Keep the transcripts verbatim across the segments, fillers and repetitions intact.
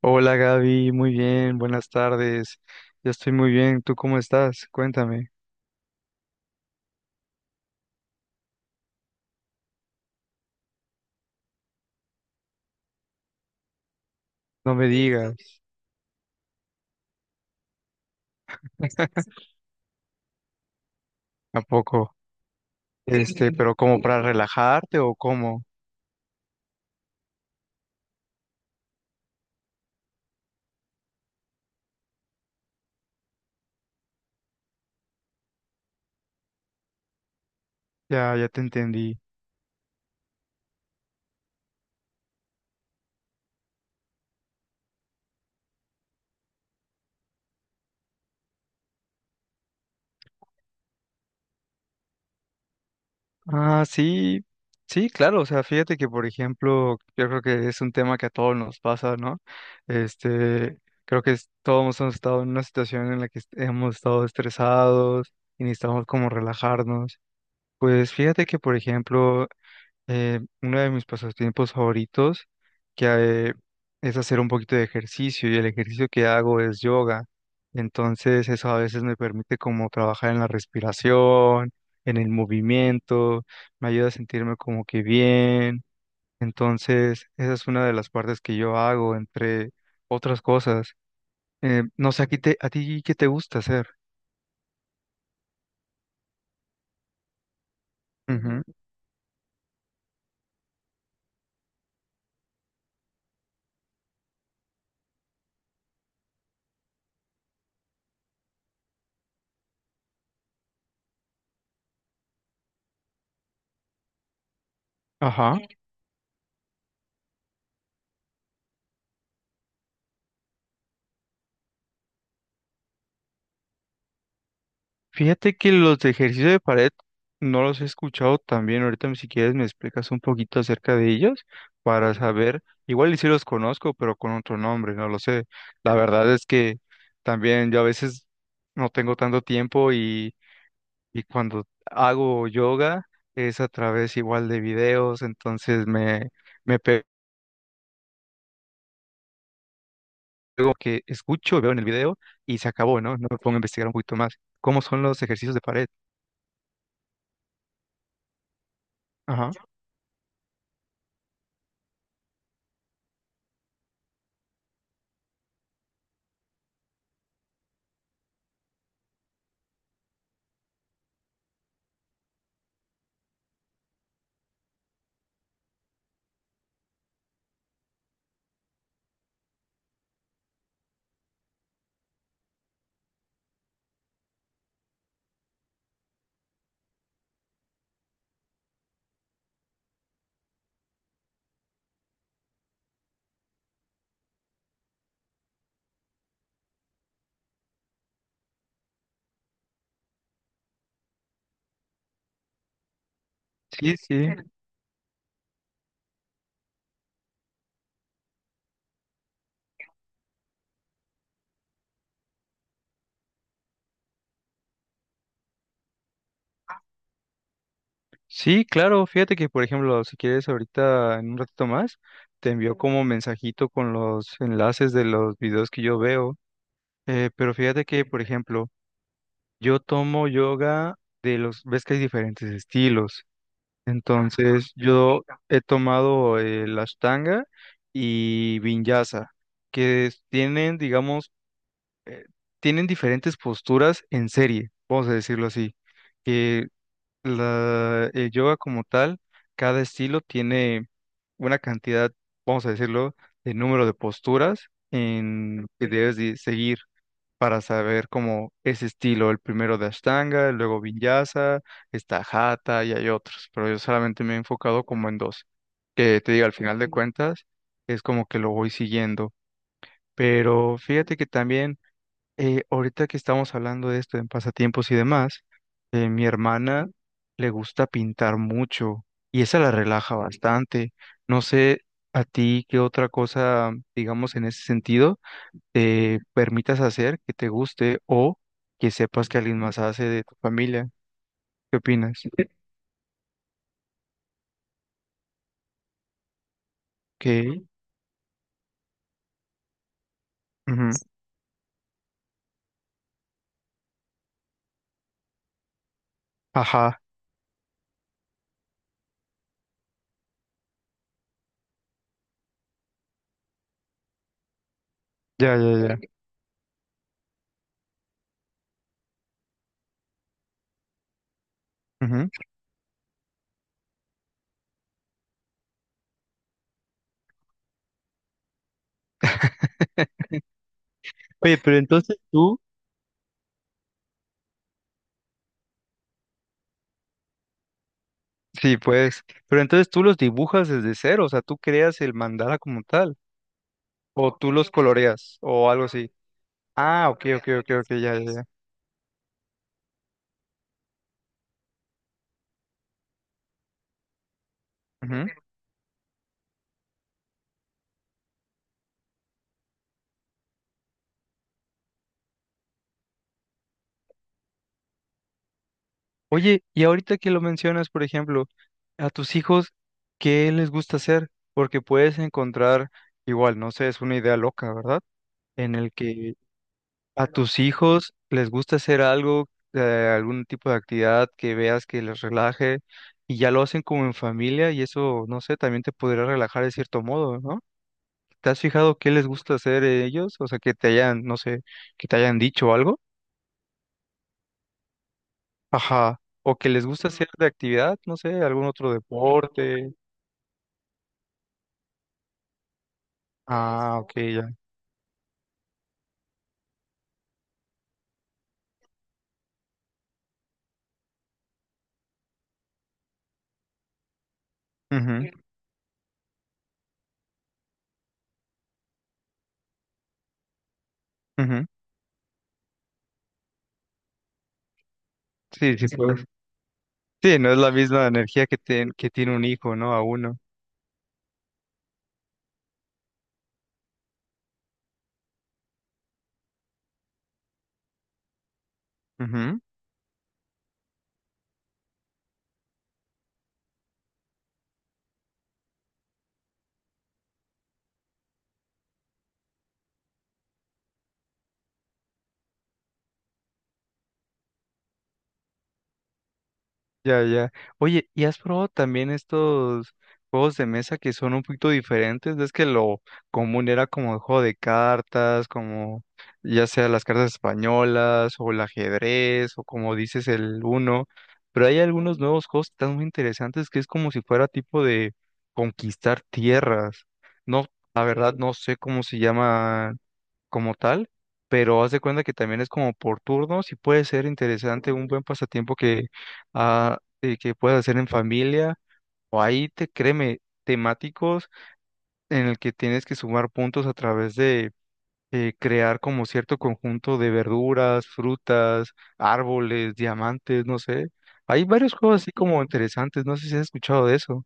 Hola Gaby, muy bien, buenas tardes. Yo estoy muy bien, ¿tú cómo estás? Cuéntame, no me digas, ¿a poco? Este, pero ¿como para relajarte o cómo? Ya, ya te entendí. Ah, sí, sí, claro, o sea, fíjate que por ejemplo, yo creo que es un tema que a todos nos pasa, ¿no? Este, creo que es- todos hemos estado en una situación en la que est- hemos estado estresados y necesitamos como relajarnos. Pues fíjate que por ejemplo, Eh, uno de mis pasatiempos favoritos que eh, es hacer un poquito de ejercicio y el ejercicio que hago es yoga. Entonces eso a veces me permite como trabajar en la respiración, en el movimiento, me ayuda a sentirme como que bien. Entonces esa es una de las partes que yo hago entre otras cosas. Eh, no sé, ¿a ti, te- a ti qué te gusta hacer? Ujú. Ajá. Fíjate que los de ejercicio de pared no los he escuchado tan bien. Ahorita, si quieres, me explicas un poquito acerca de ellos para saber. Igual y sí los conozco, pero con otro nombre, no lo sé. La verdad es que también yo a veces no tengo tanto tiempo y, y cuando hago yoga es a través igual de videos, entonces me, me pego que escucho, veo en el video y se acabó, ¿no? No me pongo a investigar un poquito más. ¿Cómo son los ejercicios de pared? Ajá. Sí, sí. Sí, claro, fíjate que por ejemplo, si quieres ahorita en un ratito más, te envío como mensajito con los enlaces de los videos que yo veo, eh, pero fíjate que por ejemplo, yo tomo yoga de los, ves que hay diferentes estilos, entonces yo he tomado eh, la Ashtanga y Vinyasa, que es- tienen, digamos, tienen diferentes posturas en serie, vamos a decirlo así. La, el yoga como tal, cada estilo tiene una cantidad, vamos a decirlo, de número de posturas en que debes de seguir para saber cómo ese estilo, el primero de Ashtanga, luego Vinyasa, está Hatha y hay otros, pero yo solamente me he enfocado como en dos, que te digo, al final de Ok. cuentas es como que lo voy siguiendo, pero fíjate que también eh, ahorita que estamos hablando de esto, en pasatiempos y demás, eh, mi hermana le gusta pintar mucho y esa la relaja bastante. No sé a ti qué otra cosa, digamos, en ese sentido, te permitas hacer que te guste o que sepas que alguien más hace de tu familia. ¿Qué opinas? Que, ajá, ya, ya, ya. Ujú. Oye, pero entonces tú, sí, pues, pero entonces tú los dibujas desde cero, o sea, tú creas el mandala como tal. O tú los coloreas, o algo así. Ah, ok, ok, ok, ok, ya, ya, ya. Ujú. Oye, y ahorita que lo mencionas, por ejemplo, a tus hijos, ¿qué les gusta hacer? Porque puedes encontrar, igual, no sé, es una idea loca, ¿verdad? En el que a tus hijos les gusta hacer algo, eh, algún tipo de actividad que veas que les relaje, y ya lo hacen como en familia, y eso, no sé, también te podría relajar de cierto modo, ¿no? ¿Te has fijado qué les gusta hacer eh, ellos? O sea, que te hayan, no sé, que te hayan dicho algo. Ajá. O que les gusta hacer de actividad, no sé, algún otro deporte. Ah, ok, ya. Ujú, ujú. Sí, sí, pues. Sí, no es la misma energía que, ten- que tiene un hijo, ¿no? A uno. Ya, ya. Oye, ¿y has probado también estos juegos de mesa que son un poquito diferentes? Es que lo común era como el juego de cartas, como ya sea las cartas españolas o el ajedrez o como dices el uno, pero hay algunos nuevos juegos tan muy interesantes que es como si fuera tipo de conquistar tierras. No, la verdad no sé cómo se llama como tal, pero haz de cuenta que también es como por turnos y puede ser interesante un buen pasatiempo que, ah, eh, que puedas hacer en familia o ahí te créeme temáticos en el que tienes que sumar puntos a través de eh, crear como cierto conjunto de verduras, frutas, árboles, diamantes, no sé. Hay varios juegos así como interesantes, no sé si has escuchado de eso.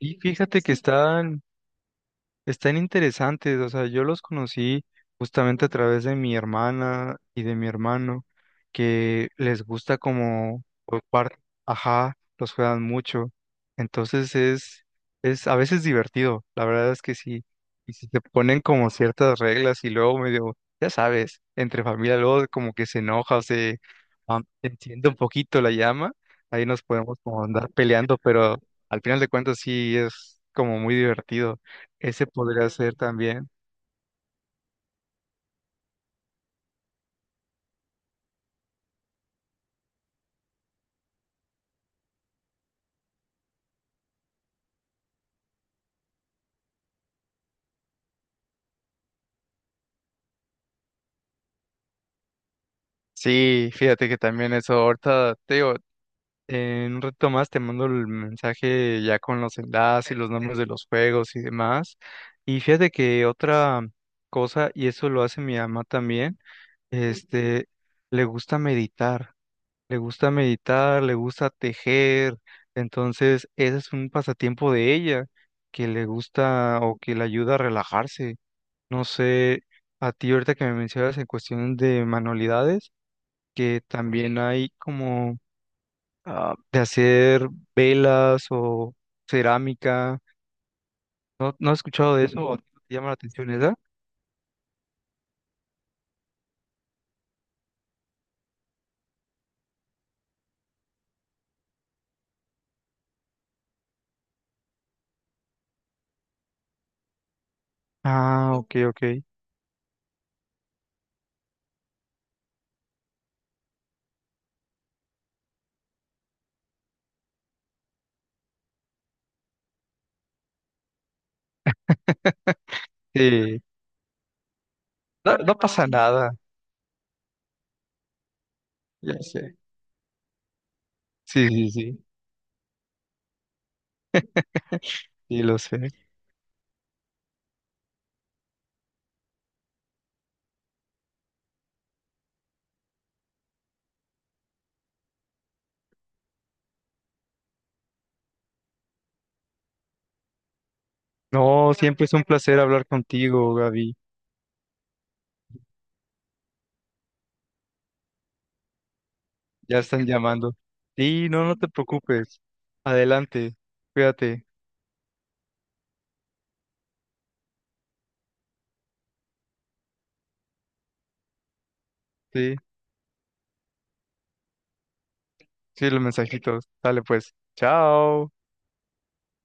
Y fíjate que sí, están. Están interesantes, o sea, yo los conocí justamente a través de mi hermana y de mi hermano, que les gusta como por parte, ajá, los juegan mucho. Entonces es, es a veces divertido, la verdad es que sí. Y si te ponen como ciertas reglas y luego medio, ya sabes, entre familia luego como que se enoja o se am, enciende un poquito la llama, ahí nos podemos como andar peleando, pero al final de cuentas sí es como muy divertido. Ese podría ser también. Sí, fíjate que también eso, ahorita te digo, en un rato más te mando el mensaje ya con los enlaces y los nombres de los juegos y demás. Y fíjate que otra cosa, y eso lo hace mi mamá también, este, le gusta meditar, le gusta meditar, le gusta tejer. Entonces, ese es un pasatiempo de ella que le gusta o que le ayuda a relajarse. No sé, a ti ahorita que me mencionas en cuestión de manualidades, que también hay como ah, de hacer velas o cerámica. No, no he escuchado de eso, o te llama la atención, esa. Ah, ok, ok. Sí, no, no pasa nada, ya sé. Sí, sí, sí, sí, lo sé. No, siempre es un placer hablar contigo, Gaby. Ya están llamando. Sí, no, no te preocupes. Adelante, cuídate. Sí. Sí, los mensajitos. Dale pues. Chao.